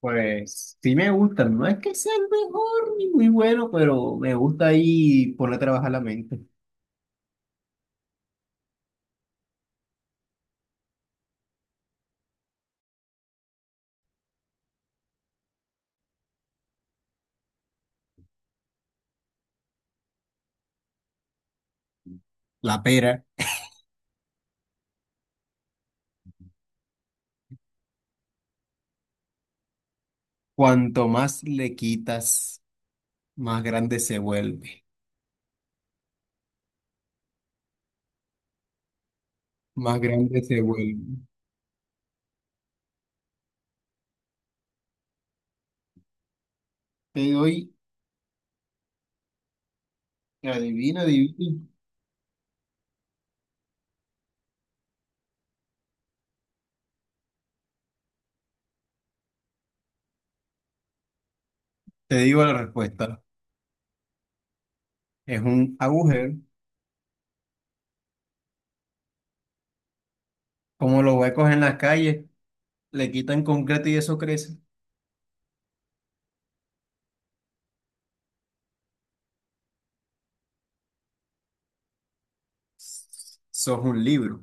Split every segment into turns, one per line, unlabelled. Pues sí me gusta, no es que sea el mejor ni muy bueno, pero me gusta ahí poner a trabajar la mente. La pera, cuanto más le quitas, más grande se vuelve, más grande se vuelve. Te doy, adivina, adivina. Te digo la respuesta. Es un agujero, como los huecos en las calles, le quitan concreto y eso crece. Sos un libro.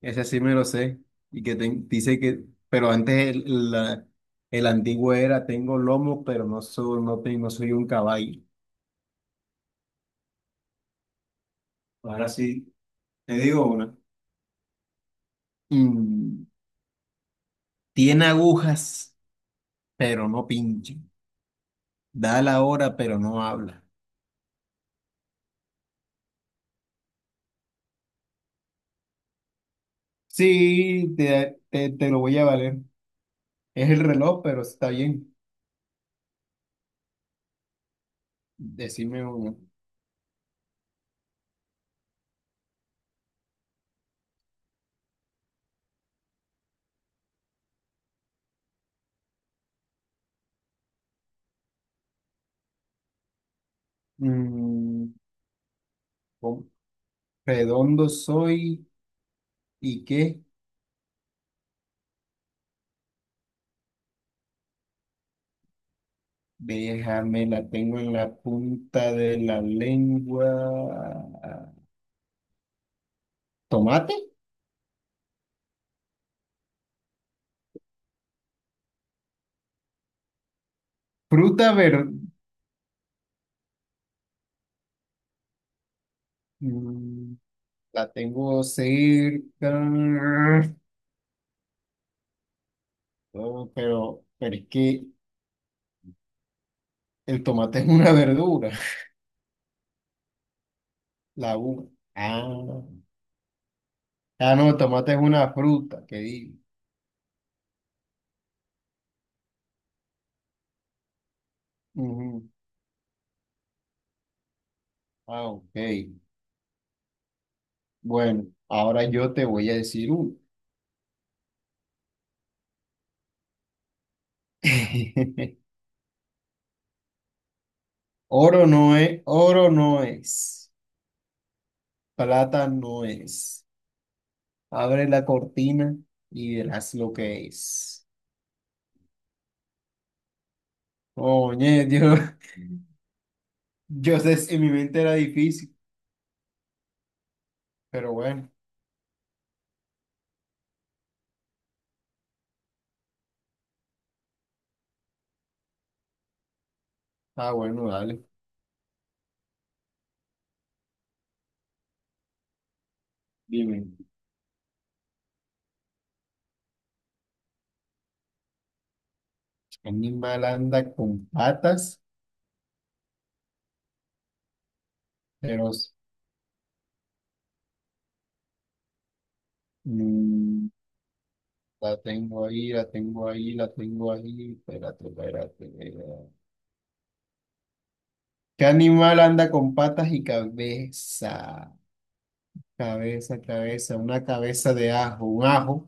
Ese sí me lo sé. Y dice que, pero antes el antiguo era, tengo lomo, pero no soy, no, no soy un caballo. Ahora sí, te digo una. Mm, tiene agujas, pero no pincha. Da la hora, pero no habla. Sí, te lo voy a valer. Es el reloj, pero está bien. Decime uno. Mm, ¿cómo? Redondo soy y qué. Déjame, la tengo en la punta de la lengua. ¿Tomate? Fruta verde. La tengo cerca. Oh, pero es que el tomate es una verdura. La uva. Ah, ah, no, el tomate es una fruta, que digo. Ujú. Ah, ok. Bueno, ahora yo te voy a decir uno. Oro no es, plata no es. Abre la cortina y verás lo que es. Oye, yo sé, si en mi mente era difícil, pero bueno, ah, bueno, dale. Dime, ¿qué animal anda con patas, pero mm, la tengo ahí. Espérate. ¿Qué animal anda con patas y cabeza? Una cabeza de ajo, un ajo.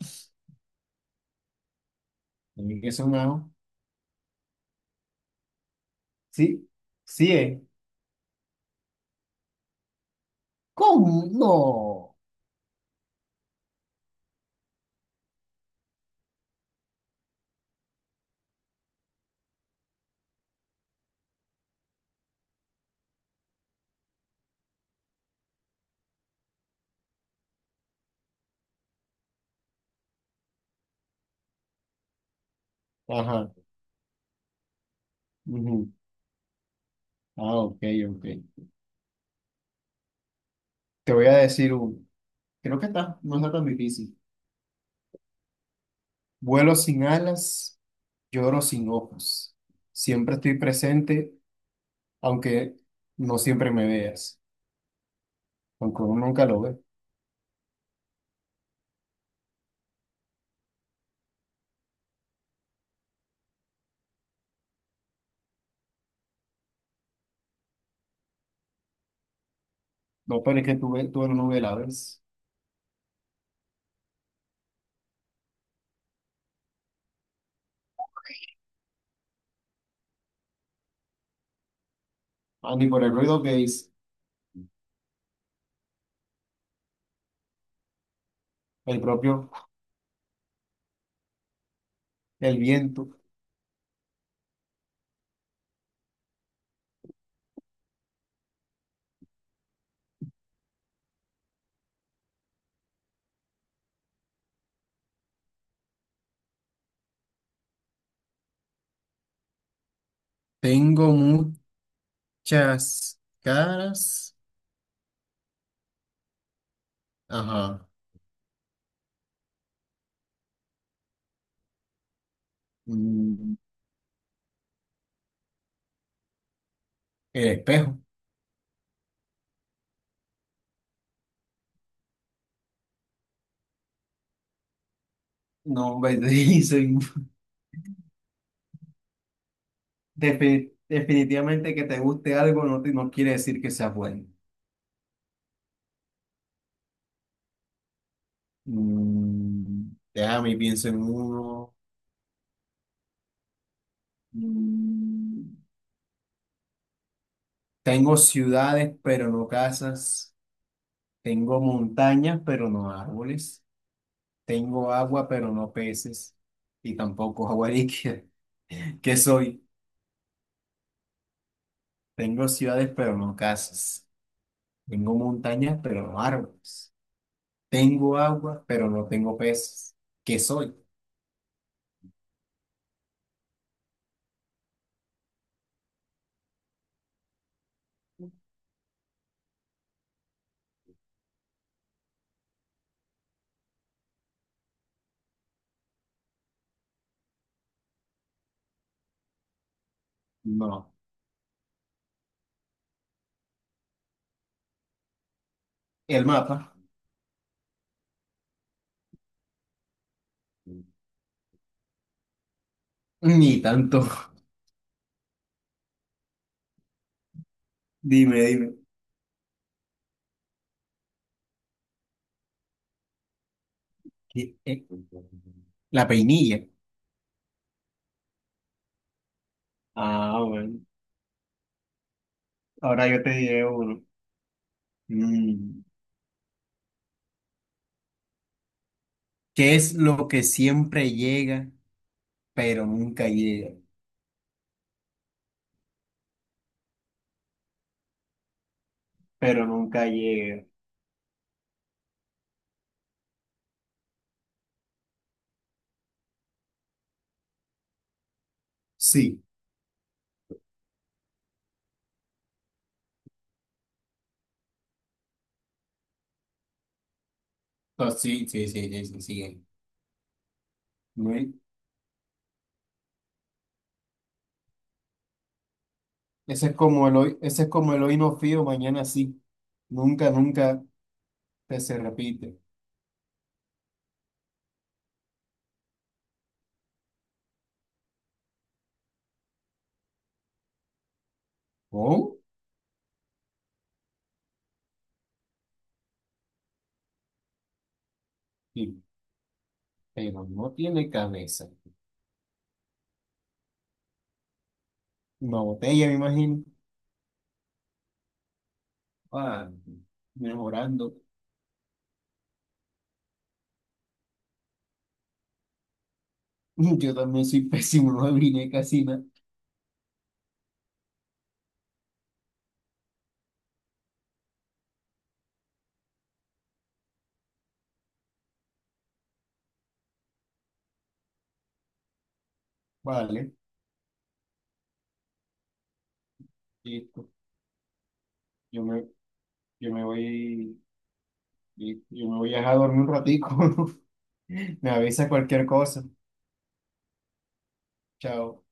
¿Qué es un ajo? Sí, sí, es. ¿Cómo? No. Ajá. Ujú. Ah, ok, ok. Te voy a decir uno. Creo que está, no está tan difícil. Vuelo sin alas, lloro sin ojos. Siempre estoy presente, aunque no siempre me veas. Aunque uno nunca lo ve. No, pero es que tú no me la ves. Ah, ni por el ruido que es el propio, el viento. Tengo muchas caras. Ajá. Mm, el espejo. No, me dice. Definitivamente que te guste algo no, no quiere decir que sea bueno. Mm, déjame y pienso en uno. Mm, tengo ciudades, pero no casas. Tengo montañas, pero no árboles. Tengo agua, pero no peces. Y tampoco agua líquida. ¿Qué soy? Tengo ciudades, pero no casas. Tengo montañas, pero no árboles. Tengo agua, pero no tengo peces. ¿Qué soy? No. El mapa. Ni tanto. Dime. ¿Qué es? La peinilla. Ah, bueno. Ahora yo te diré uno. Mm. ¿Qué es lo que siempre llega, pero nunca llega? Pero nunca llega. Sí. Ah, sí, sí, sí, sí, sí, sí. No hay- Ese es como el hoy, ese es como el hoy no fío, mañana sí. Nunca te se repite. ¿Oh? Sí, pero no tiene cabeza. Una botella, me imagino. Ah, mejorando. Yo también soy pésimo, no adiviné casi nada. Vale, listo. Yo me, yo me voy, listo, yo me voy a dejar dormir un ratico. Me avisa cualquier cosa. Chao.